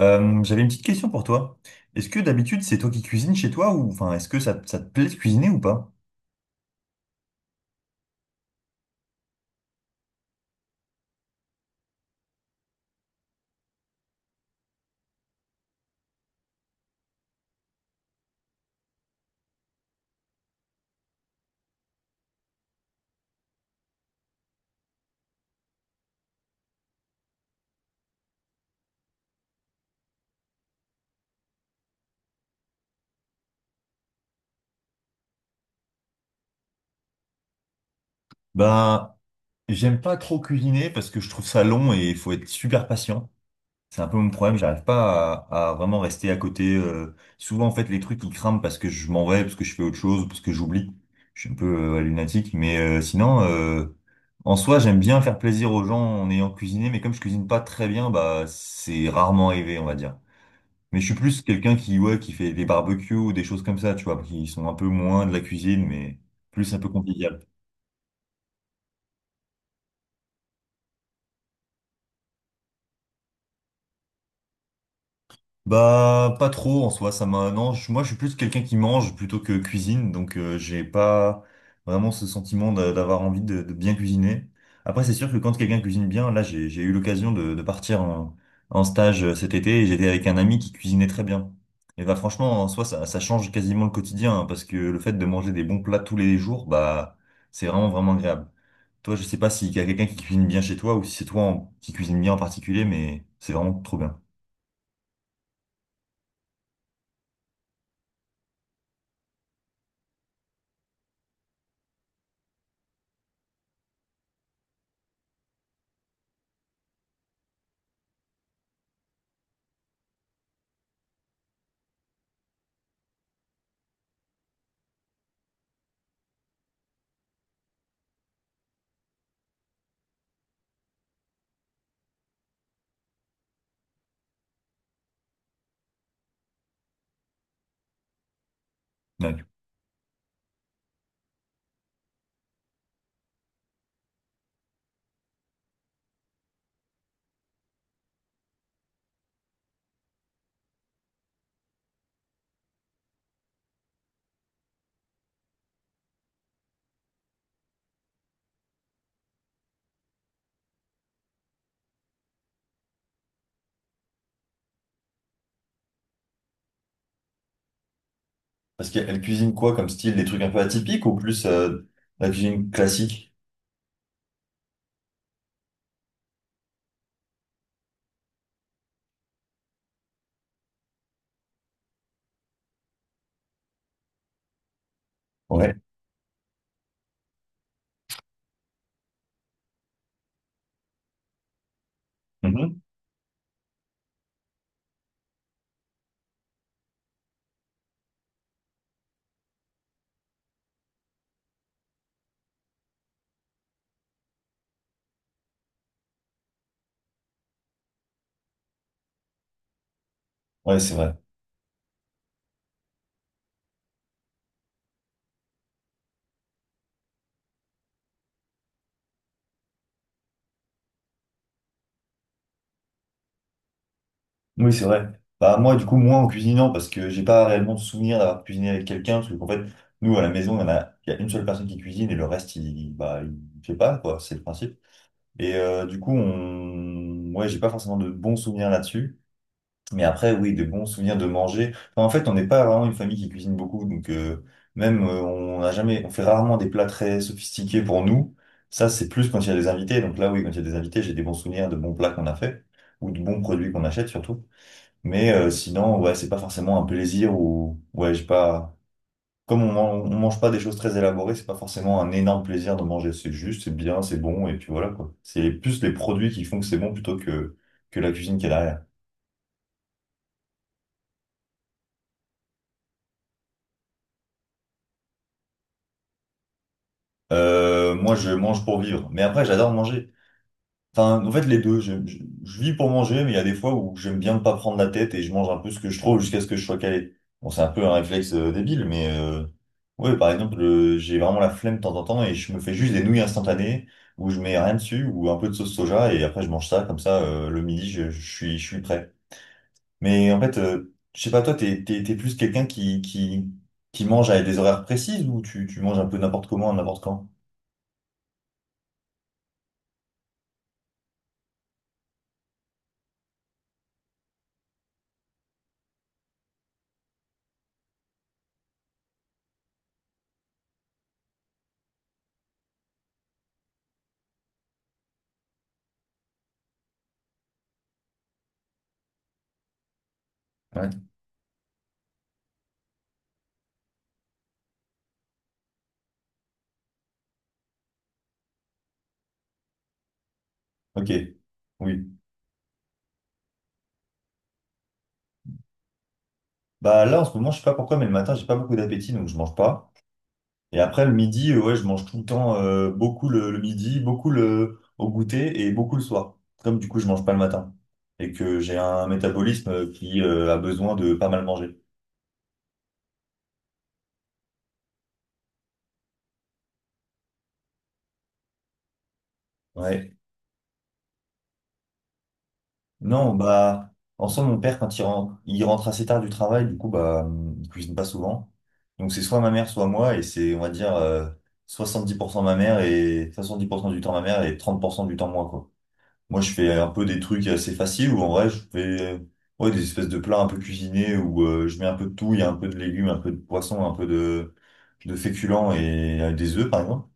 J'avais une petite question pour toi. Est-ce que d'habitude c'est toi qui cuisines chez toi ou enfin est-ce que ça te plaît de cuisiner ou pas? Ben j'aime pas trop cuisiner parce que je trouve ça long et il faut être super patient. C'est un peu mon problème, j'arrive pas à vraiment rester à côté. Souvent en fait les trucs ils crament parce que je m'en vais, parce que je fais autre chose, parce que j'oublie. Je suis un peu ouais, lunatique, mais sinon en soi j'aime bien faire plaisir aux gens en ayant cuisiné, mais comme je cuisine pas très bien, bah c'est rarement arrivé on va dire. Mais je suis plus quelqu'un qui, ouais, qui fait des barbecues ou des choses comme ça, tu vois, qui sont un peu moins de la cuisine, mais plus un peu convivial. Bah, pas trop en soi, ça m'a. Non, moi je suis plus quelqu'un qui mange plutôt que cuisine, donc j'ai pas vraiment ce sentiment d'avoir envie de bien cuisiner. Après, c'est sûr que quand quelqu'un cuisine bien, là j'ai eu l'occasion de partir en stage cet été et j'étais avec un ami qui cuisinait très bien. Et bah, franchement, en soi, ça change quasiment le quotidien, hein, parce que le fait de manger des bons plats tous les jours, bah, c'est vraiment agréable. Toi, je sais pas s'il y a quelqu'un qui cuisine bien chez toi ou si c'est qui cuisine bien en particulier, mais c'est vraiment trop bien. Ouais. Parce qu'elle cuisine quoi comme style? Des trucs un peu atypiques ou plus la cuisine classique? Ouais. Mhm. Ouais, c'est vrai. Oui, c'est vrai. Bah moi, du coup, moi en cuisinant, parce que j'ai pas réellement de souvenir d'avoir cuisiné avec quelqu'un, parce que en fait, nous à la maison, il y a une seule personne qui cuisine et le reste, bah, il fait pas, quoi, c'est le principe. Et du coup, on... ouais, j'ai pas forcément de bons souvenirs là-dessus. Mais après, oui, des bons souvenirs de manger. Enfin, en fait, on n'est pas vraiment une famille qui cuisine beaucoup, donc même on n'a jamais, on fait rarement des plats très sophistiqués pour nous. Ça, c'est plus quand il y a des invités. Donc là, oui, quand il y a des invités, j'ai des bons souvenirs de bons plats qu'on a fait ou de bons produits qu'on achète surtout. Mais sinon, ouais, c'est pas forcément un plaisir ou ouais, j'ai pas. Comme on, man- on mange pas des choses très élaborées, c'est pas forcément un énorme plaisir de manger. C'est juste, c'est bien, c'est bon, et puis voilà quoi. C'est plus les produits qui font que c'est bon plutôt que la cuisine qui est derrière. Moi, je mange pour vivre. Mais après, j'adore manger. Enfin, en fait, les deux. Je vis pour manger, mais il y a des fois où j'aime bien ne pas prendre la tête et je mange un peu ce que je trouve jusqu'à ce que je sois calé. Bon, c'est un peu un réflexe débile, mais ouais, par exemple, j'ai vraiment la flemme de temps en temps et je me fais juste des nouilles instantanées où je mets rien dessus ou un peu de sauce soja et après je mange ça comme ça le midi, je suis prêt. Mais en fait, je sais pas, toi, t'es plus quelqu'un qui mange à des horaires précises ou tu manges un peu n'importe comment, n'importe quand? Ouais. Ok. Oui. Bah là, en ce moment, je sais pas pourquoi, mais le matin, j'ai pas beaucoup d'appétit, donc je mange pas. Et après, le midi, ouais, je mange tout le temps beaucoup le midi, au goûter et beaucoup le soir. Comme du coup, je mange pas le matin et que j'ai un métabolisme qui a besoin de pas mal manger. Ouais. Non, bah, en soi, mon père, quand il rentre assez tard du travail, du coup, bah, il cuisine pas souvent. Donc, c'est soit ma mère, soit moi, et c'est, on va dire, 70% ma mère et 70% du temps ma mère et 30% du temps moi, quoi. Moi, je fais un peu des trucs assez faciles où en vrai, je fais ouais, des espèces de plats un peu cuisinés où je mets un peu de tout, il y a un peu de légumes, un peu de poisson, un peu de féculents et des œufs, par exemple.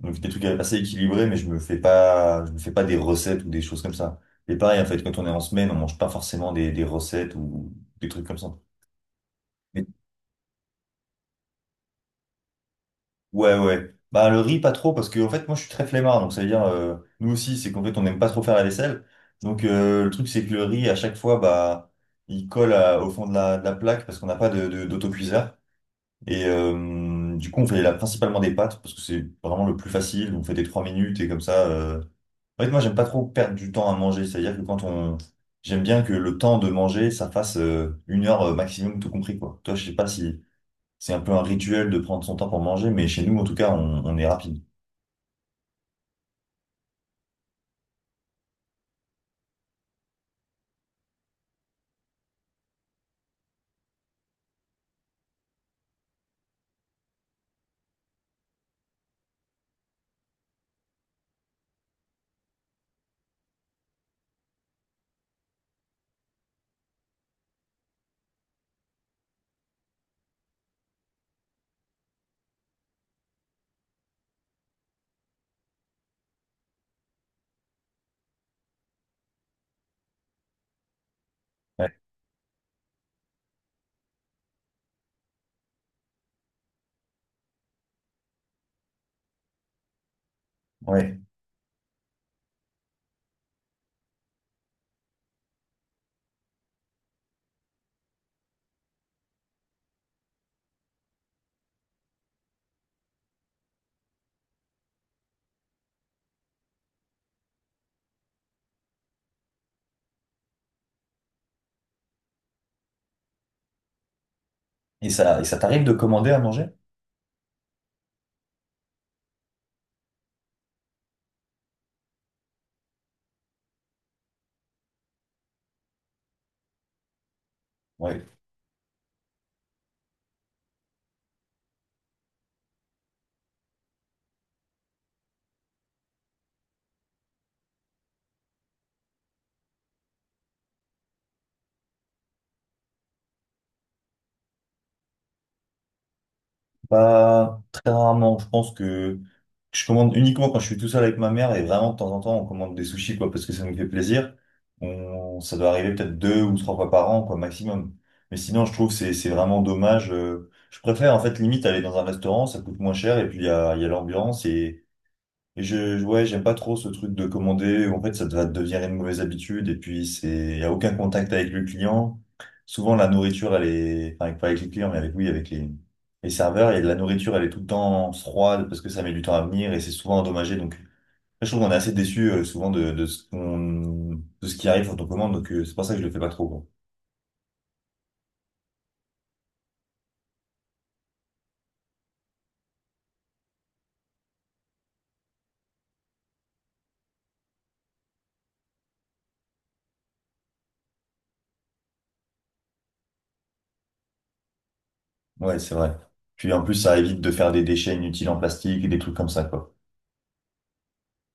Donc, des trucs assez équilibrés, mais je me fais pas des recettes ou des choses comme ça. Et pareil, en fait, quand on est en semaine, on mange pas forcément des recettes ou des trucs comme ça. Ouais, ouais. Bah, le riz, pas trop, parce que, en fait, moi, je suis très flemmard. Donc, ça veut dire, nous aussi, c'est qu'en fait, on n'aime pas trop faire la vaisselle. Donc, le truc, c'est que le riz, à chaque fois, bah, au fond de la plaque parce qu'on n'a pas d'autocuiseur. Et du coup, on fait là, principalement des pâtes parce que c'est vraiment le plus facile. On fait des trois minutes et comme ça. En fait, moi, j'aime pas trop perdre du temps à manger. C'est-à-dire que quand on. J'aime bien que le temps de manger, ça fasse une heure maximum, tout compris, quoi. Toi, je sais pas si. C'est un peu un rituel de prendre son temps pour manger, mais chez nous, en tout cas, on est rapide. Ouais. Ouais. Et ça t'arrive de commander à manger? Ouais. Pas très rarement. Je pense que je commande uniquement quand je suis tout seul avec ma mère et vraiment de temps en temps, on commande des sushis, quoi, parce que ça nous fait plaisir. Ça doit arriver peut-être deux ou trois fois par an, quoi, maximum. Mais sinon, je trouve que c'est vraiment dommage. Je préfère, en fait, limite aller dans un restaurant, ça coûte moins cher et puis il y a l'ambiance et ouais, j'aime pas trop ce truc de commander où en fait ça va devenir une mauvaise habitude et puis c'est, y a aucun contact avec le client. Souvent la nourriture elle est, enfin pas avec les clients mais avec, oui, avec les serveurs et la nourriture elle est tout le temps froide parce que ça met du temps à venir et c'est souvent endommagé donc je trouve qu'on est assez déçu souvent de ce de ce qui arrive quand on commande donc c'est pour ça que je le fais pas trop. Quoi. Ouais, c'est vrai. Puis en plus ça évite de faire des déchets inutiles en plastique et des trucs comme ça quoi.